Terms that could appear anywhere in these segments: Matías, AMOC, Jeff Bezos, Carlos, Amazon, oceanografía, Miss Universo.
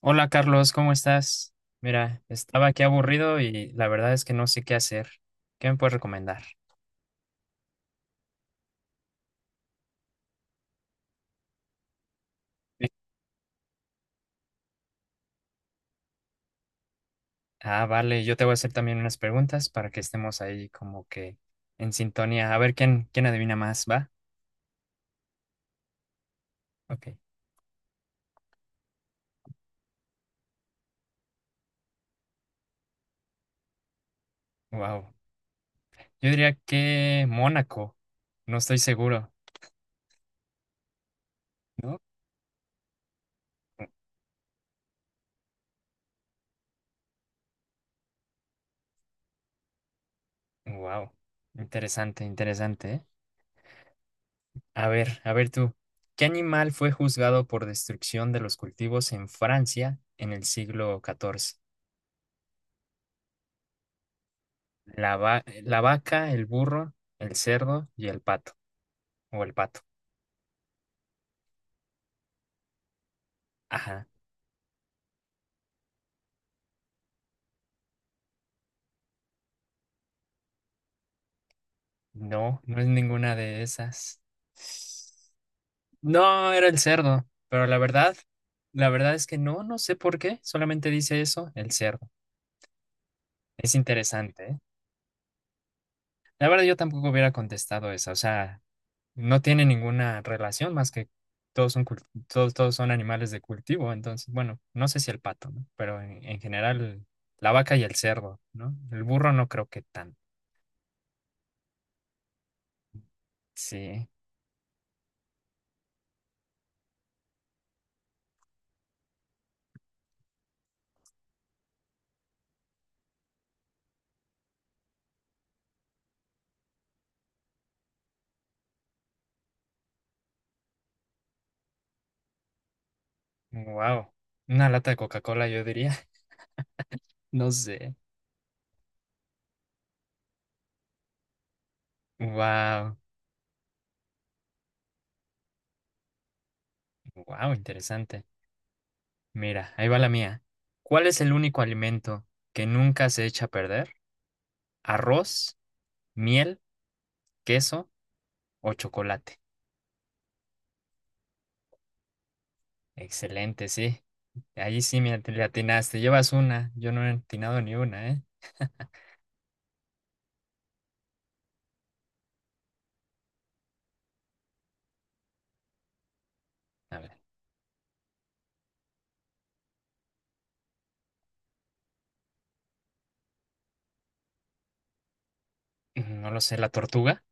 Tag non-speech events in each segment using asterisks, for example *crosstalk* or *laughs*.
Hola Carlos, ¿cómo estás? Mira, estaba aquí aburrido y la verdad es que no sé qué hacer. ¿Qué me puedes recomendar? Sí. Ah, vale, yo te voy a hacer también unas preguntas para que estemos ahí como que en sintonía. A ver quién adivina más, ¿va? Ok. Wow. Yo diría que Mónaco. No estoy seguro. ¿No? Wow. Interesante, interesante, ¿eh? A ver tú. ¿Qué animal fue juzgado por destrucción de los cultivos en Francia en el siglo XIV? La vaca, el burro, el cerdo y el pato. O el pato. Ajá. No, no es ninguna de esas. No, era el cerdo. Pero la verdad es que no, no sé por qué. Solamente dice eso, el cerdo. Es interesante, ¿eh? La verdad, yo tampoco hubiera contestado esa. O sea, no tiene ninguna relación más que todos son animales de cultivo. Entonces, bueno, no sé si el pato, ¿no? Pero en general, la vaca y el cerdo, ¿no? El burro no creo que tanto. Sí, wow. Una lata de Coca-Cola, yo diría. *laughs* No sé. Wow, wow, interesante. Mira, ahí va la mía. ¿Cuál es el único alimento que nunca se echa a perder? ¿Arroz, miel, queso o chocolate? Excelente, sí. Ahí sí le atinaste. Llevas una. Yo no he atinado ni una, ¿eh? A ver, no lo sé, la tortuga.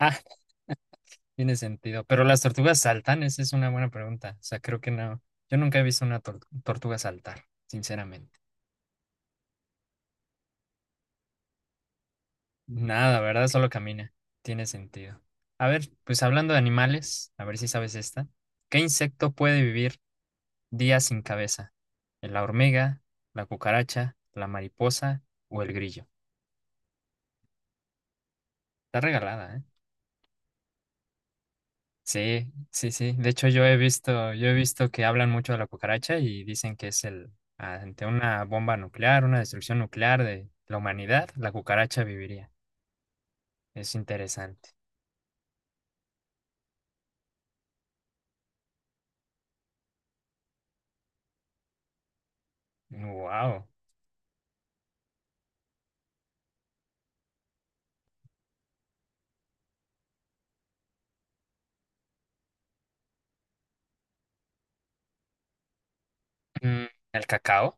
*laughs* Tiene sentido. Pero las tortugas saltan, esa es una buena pregunta. O sea, creo que no. Yo nunca he visto una tortuga saltar, sinceramente. Nada, ¿verdad? Solo camina. Tiene sentido. A ver, pues hablando de animales, a ver si sabes esta. ¿Qué insecto puede vivir días sin cabeza? ¿La hormiga, la cucaracha, la mariposa o el grillo? Está regalada, ¿eh? Sí, sí, sí. De hecho, yo he visto que hablan mucho de la cucaracha y dicen que es el, ante una bomba nuclear, una destrucción nuclear de la humanidad, la cucaracha viviría. Es interesante. Wow. El cacao.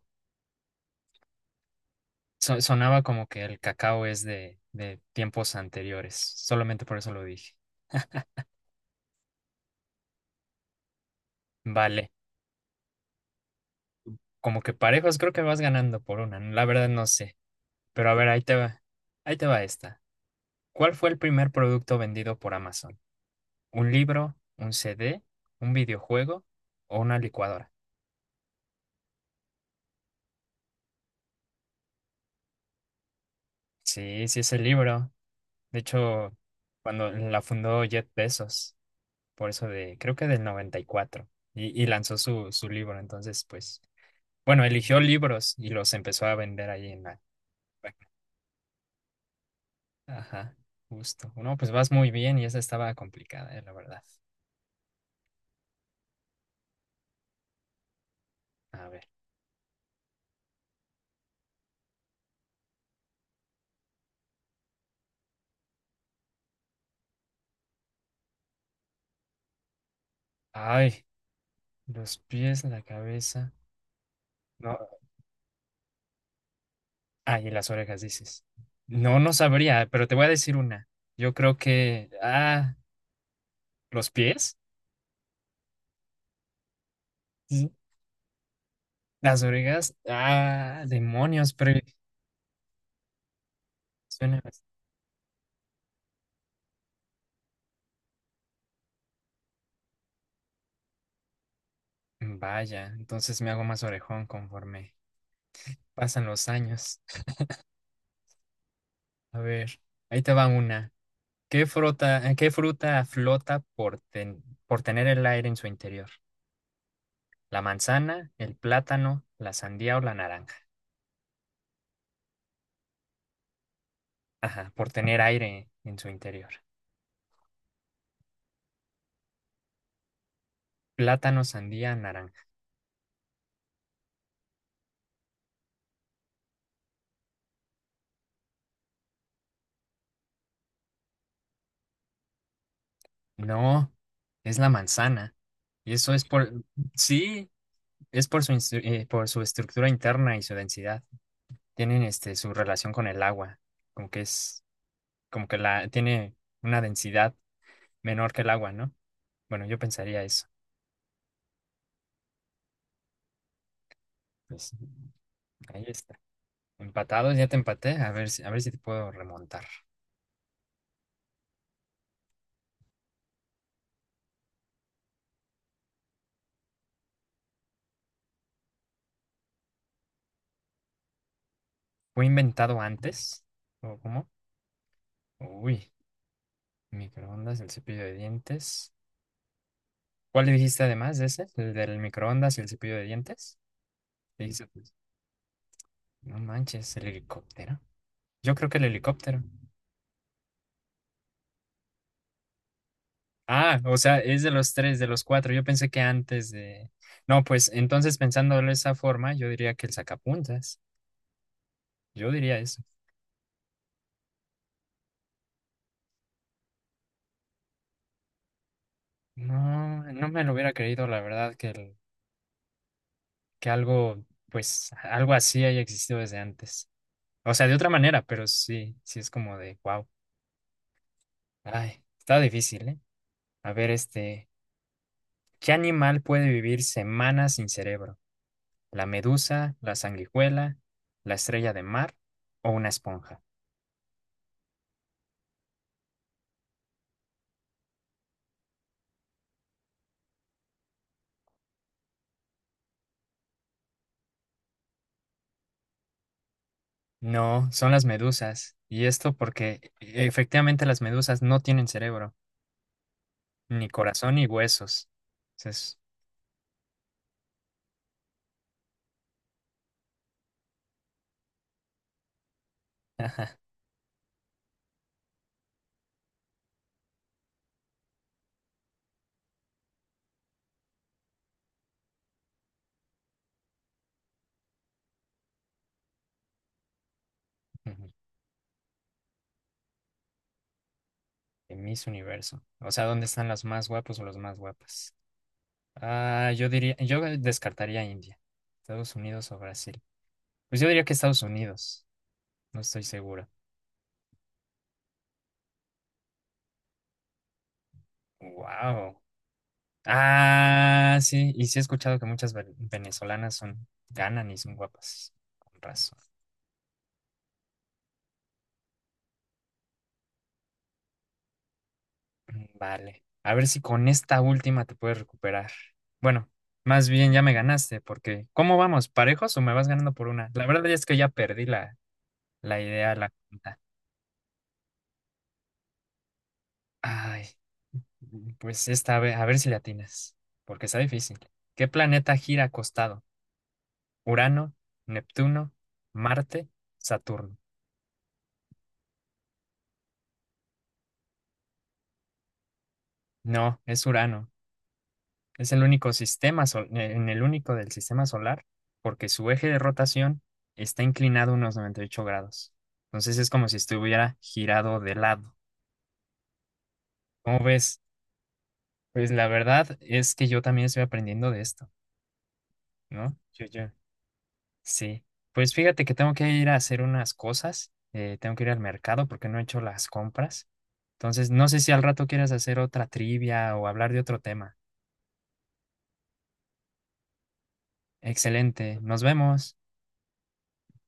Sonaba como que el cacao es de tiempos anteriores. Solamente por eso lo dije. Vale. Como que parejos, creo que vas ganando por una. La verdad no sé. Pero a ver, ahí te va. Ahí te va esta. ¿Cuál fue el primer producto vendido por Amazon? ¿Un libro, un CD, un videojuego o una licuadora? Sí, sí es el libro. De hecho, cuando la fundó Jeff Bezos, por eso de, creo que del 94, y, cuatro, y lanzó su libro. Entonces, pues, bueno, eligió libros y los empezó a vender ahí en la... Ajá, justo. No, pues vas muy bien y esa estaba complicada, la verdad. A ver. Ay, los pies, la cabeza. No. Ay, las orejas, dices. No, no sabría, pero te voy a decir una. Yo creo que, ah, los pies. Sí. Las orejas, ah, demonios, pero suena. Vaya, entonces me hago más orejón conforme pasan los años. A ver, ahí te va una. ¿Qué fruta flota por tener el aire en su interior? ¿La manzana, el plátano, la sandía o la naranja? Ajá, por tener aire en su interior. Plátano, sandía, naranja. No, es la manzana. Y eso es por, sí, es por su, instru- por su estructura interna y su densidad. Tienen su relación con el agua, como que es, como que la, tiene una densidad menor que el agua, ¿no? Bueno, yo pensaría eso. Pues ahí está. Empatados, ya te empaté, a ver si te puedo remontar. ¿Fue inventado antes? ¿O cómo? Uy, microondas, el cepillo de dientes. ¿Cuál dijiste además de ese? ¿El del microondas y el cepillo de dientes? Dijiste. No manches, el helicóptero. Yo creo que el helicóptero. Ah, o sea, es de los tres, de los cuatro. Yo pensé que antes de... No, pues entonces pensándolo de esa forma, yo diría que el sacapuntas. Yo diría eso. No, no me lo hubiera creído, la verdad, que algo, pues, algo así haya existido desde antes. O sea, de otra manera, pero sí, sí es como de, wow. Ay, está difícil, ¿eh? A ver, ¿qué animal puede vivir semanas sin cerebro? ¿La medusa, la sanguijuela, la estrella de mar o una esponja? No, son las medusas. Y esto porque efectivamente las medusas no tienen cerebro, ni corazón ni huesos. Entonces, *laughs* ajá, de Miss Universo. O sea, ¿dónde están los más guapos o los más guapas? Ah, yo diría, yo descartaría India, Estados Unidos o Brasil. Pues yo diría que Estados Unidos, no estoy segura. Wow. Ah, sí, y sí he escuchado que muchas venezolanas son, ganan y son guapas, con razón. Mm, vale, a ver si con esta última te puedes recuperar. Bueno, más bien ya me ganaste, porque ¿cómo vamos? ¿Parejos o me vas ganando por una? La verdad es que ya perdí la idea, la cuenta. Ay, pues esta vez a ver si le atinas, porque está difícil. ¿Qué planeta gira acostado? ¿Urano, Neptuno, Marte, Saturno? No, es Urano. Es el único del sistema solar, porque su eje de rotación está inclinado unos 98 grados. Entonces es como si estuviera girado de lado. ¿Cómo ves? Pues la verdad es que yo también estoy aprendiendo de esto, ¿no? Yo. Sí. Pues fíjate que tengo que ir a hacer unas cosas. Tengo que ir al mercado porque no he hecho las compras. Entonces, no sé si al rato quieras hacer otra trivia o hablar de otro tema. Excelente. Nos vemos.